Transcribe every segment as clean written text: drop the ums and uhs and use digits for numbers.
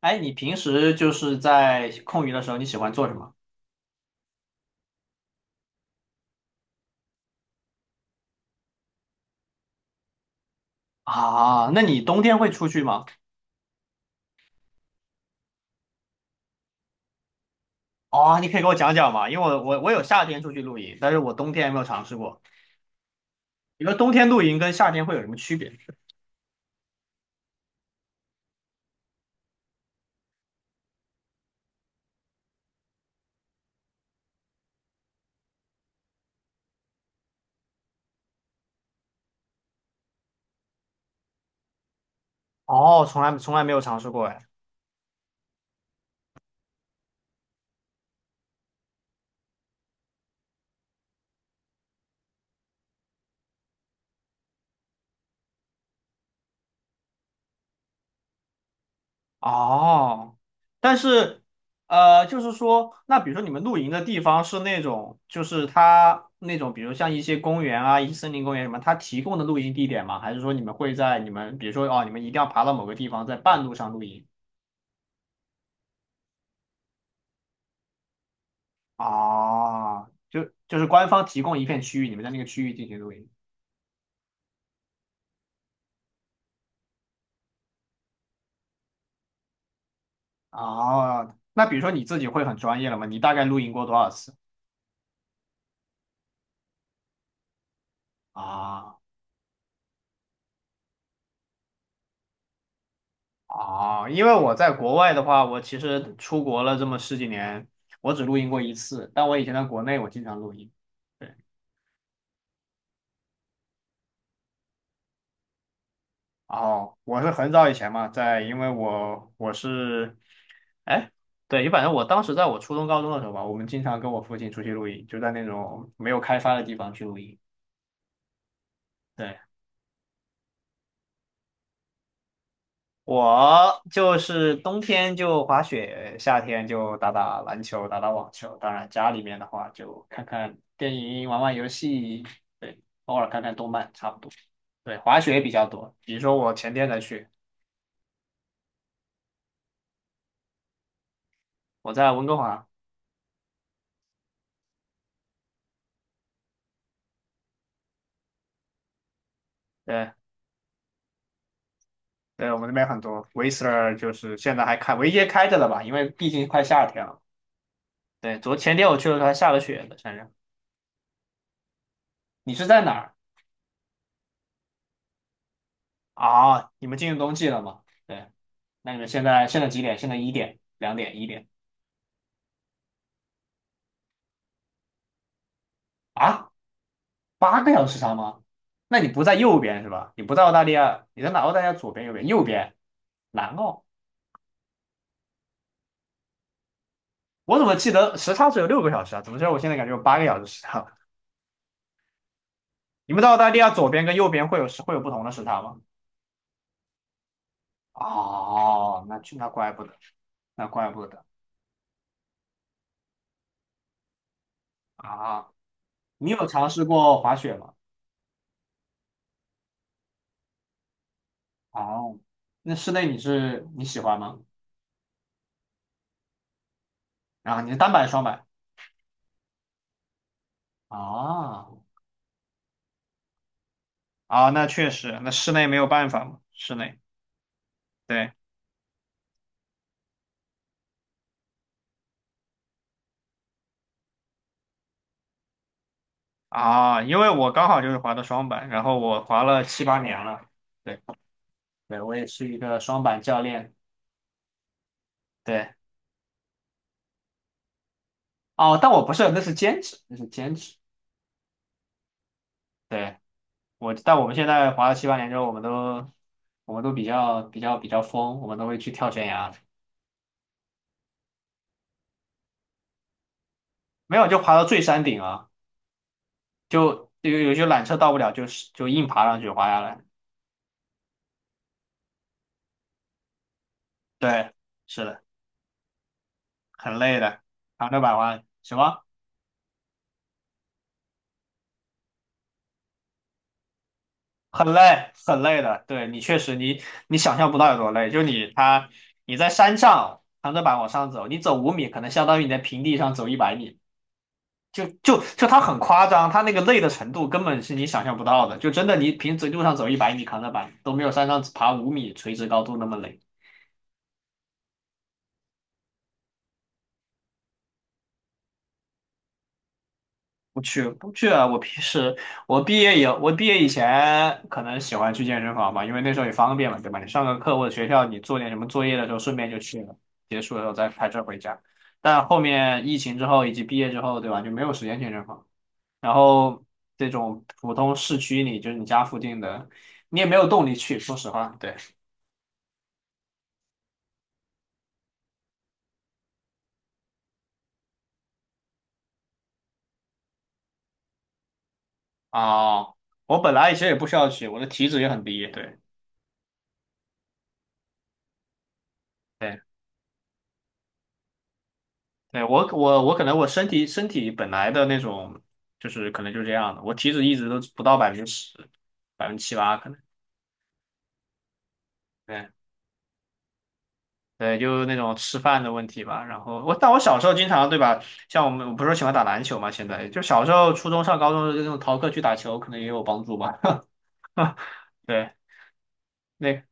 哎，你平时就是在空余的时候，你喜欢做什么？啊？那你冬天会出去吗？哦，你可以给我讲讲吗？因为我有夏天出去露营，但是我冬天也没有尝试过。你说冬天露营跟夏天会有什么区别？哦，从来没有尝试过哎。哦，但是就是说，那比如说你们露营的地方是那种，就是它那种，比如像一些公园啊、一些森林公园什么，它提供的露营地点吗？还是说你们会在你们，比如说哦，你们一定要爬到某个地方，在半路上露营？啊，就是官方提供一片区域，你们在那个区域进行录音。啊，那比如说你自己会很专业了吗？你大概录音过多少次？啊。因为我在国外的话，我其实出国了这么十几年，我只录音过一次，但我以前在国内我经常录音。对。哦，我是很早以前嘛，在因为我是，哎，对，反正我当时在我初中高中的时候吧，我们经常跟我父亲出去录音，就在那种没有开发的地方去录音。对，我就是冬天就滑雪，夏天就打打篮球、打打网球。当然，家里面的话就看看电影、玩玩游戏，对，偶尔看看动漫，差不多。对，滑雪比较多。比如说我前天才去，我在温哥华。对，对，我们那边很多 Whistler，就是现在还开，唯一开着了吧，因为毕竟快夏天了。对，昨前天我去的时候还下了雪的，反正。你是在哪儿？啊？你们进入冬季了吗？对，那你们现在现在几点？现在一点、两点、一点。啊？八个小时差吗？那你不在右边是吧？你不在澳大利亚，你在哪？澳大利亚左边、右边、右边，南澳。我怎么记得时差只有6个小时啊？怎么知道我现在感觉有八个小时时差？你们在澳大利亚左边跟右边会有时会有不同的时差吗？哦，那去那怪不得，那怪不得啊！你有尝试过滑雪吗？哦，那室内你是你喜欢吗？啊，你是单板双板？啊。啊，那确实，那室内没有办法嘛，室内对。啊，因为我刚好就是滑的双板，然后我滑了七八年了。对，对，我也是一个双板教练。对，哦，但我不是，那是兼职，那是兼职。对，我，但我们现在滑了七八年之后，我们都，我们都比较疯，我们都会去跳悬崖，没有就爬到最山顶啊，就有有些缆车到不了，就是就硬爬上去滑下来。对，是的，很累的，长着板滑什么？很累，很累的。对你确实你，你想象不到有多累。就你他，你在山上扛着板往上走，你走五米，可能相当于你在平地上走一百米。就就就它很夸张，它那个累的程度根本是你想象不到的。就真的你平时路上走一百米扛着板都没有山上爬五米垂直高度那么累。不去不去啊！我平时我毕业以前可能喜欢去健身房吧，因为那时候也方便嘛，对吧？你上个课或者学校你做点什么作业的时候，顺便就去了，结束了之后再开车回家。但后面疫情之后以及毕业之后，对吧？就没有时间健身房，然后这种普通市区里，就是你家附近的，你也没有动力去。说实话，对啊，我本来以前也不需要去，我的体脂也很低，对。对。对，我可能我身体本来的那种就是可能就这样的，我体脂一直都不到10%，百分之七八可能。对对，就那种吃饭的问题吧。然后我但我小时候经常对吧，像我们我不是喜欢打篮球嘛，现在就小时候初中上高中的时候那种逃课去打球，可能也有帮助吧。对，那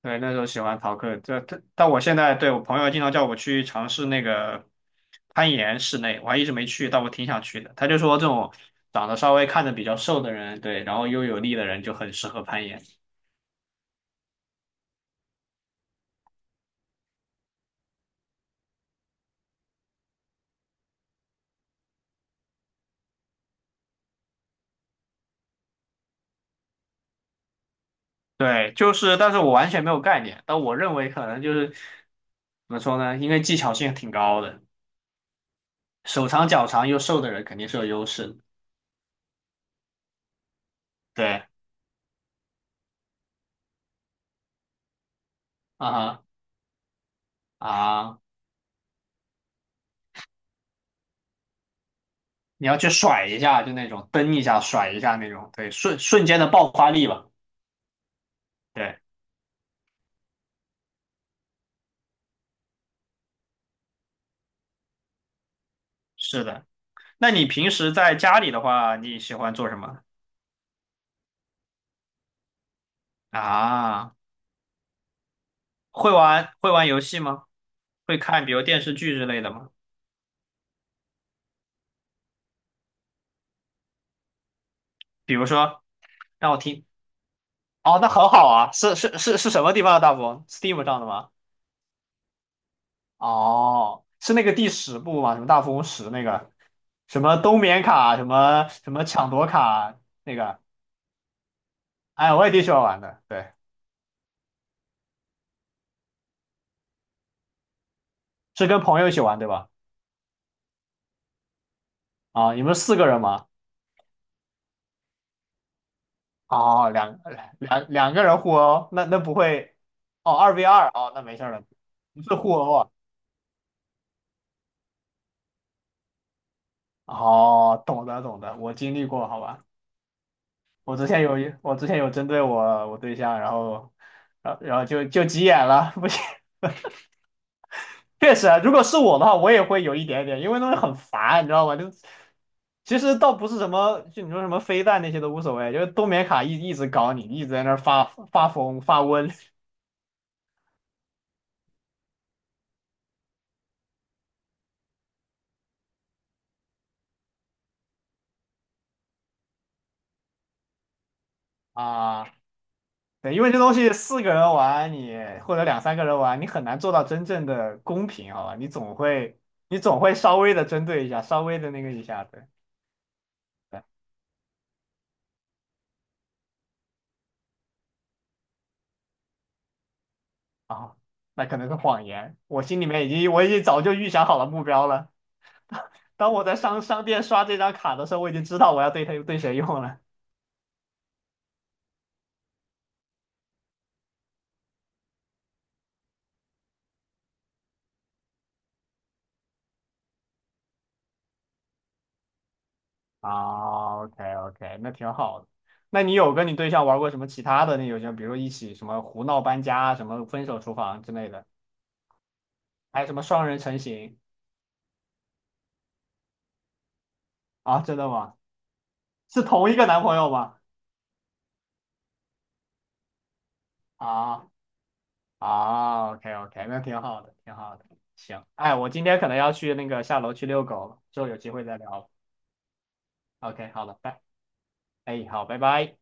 对，那时候喜欢逃课，但我现在对我朋友经常叫我去尝试那个攀岩室内，我还一直没去，但我挺想去的。他就说这种长得稍微看着比较瘦的人，对，然后又有力的人就很适合攀岩。对，就是，但是我完全没有概念，但我认为可能就是怎么说呢？因为技巧性挺高的，手长脚长又瘦的人肯定是有优势的。对，啊哈。啊，你要去甩一下，就那种蹬一下甩一下那种，对，瞬间的爆发力吧。对。是的，那你平时在家里的话，你喜欢做什么？啊？会玩会玩游戏吗？会看比如电视剧之类的吗？比如说，让我听。哦，那很好啊，是是是是什么地方的大富翁？Steam 上的吗？哦，是那个第10部吗？什么大富翁十那个，什么冬眠卡，什么什么抢夺卡那个，哎，我也挺喜欢玩的。对，是跟朋友一起玩对吧？啊，你们四个人吗？哦，两个人互殴，那那不会哦，二 v 二哦，那没事儿了，不是互殴啊。哦，懂得懂得，我经历过，好吧。我之前有针对我对象，然后，然后就急眼了，不行。确实啊如果是我的话，我也会有一点点，因为那东西很烦，你知道吗？就其实倒不是什么，就你说什么飞弹那些都无所谓，就是冬眠卡一直搞你，一直在那儿发发疯发瘟。 啊。对，因为这东西四个人玩你，或者两三个人玩，你很难做到真正的公平，好吧？你总会，你总会稍微的针对一下，稍微的那个一下对对，啊、那可能是谎言。我心里面已经，我已经早就预想好了目标了。当我在商店刷这张卡的时候，我已经知道我要对他对谁用了。啊，OK OK，那挺好的。那你有跟你对象玩过什么其他的那游戏吗？比如一起什么胡闹搬家啊、什么分手厨房之类的，还有什么双人成行。啊？真的吗？是同一个男朋友吗？啊。啊，OK OK，那挺好的，挺好的。行，哎，我今天可能要去那个下楼去遛狗了，之后有机会再聊。OK，好了，拜，哎，好，拜拜。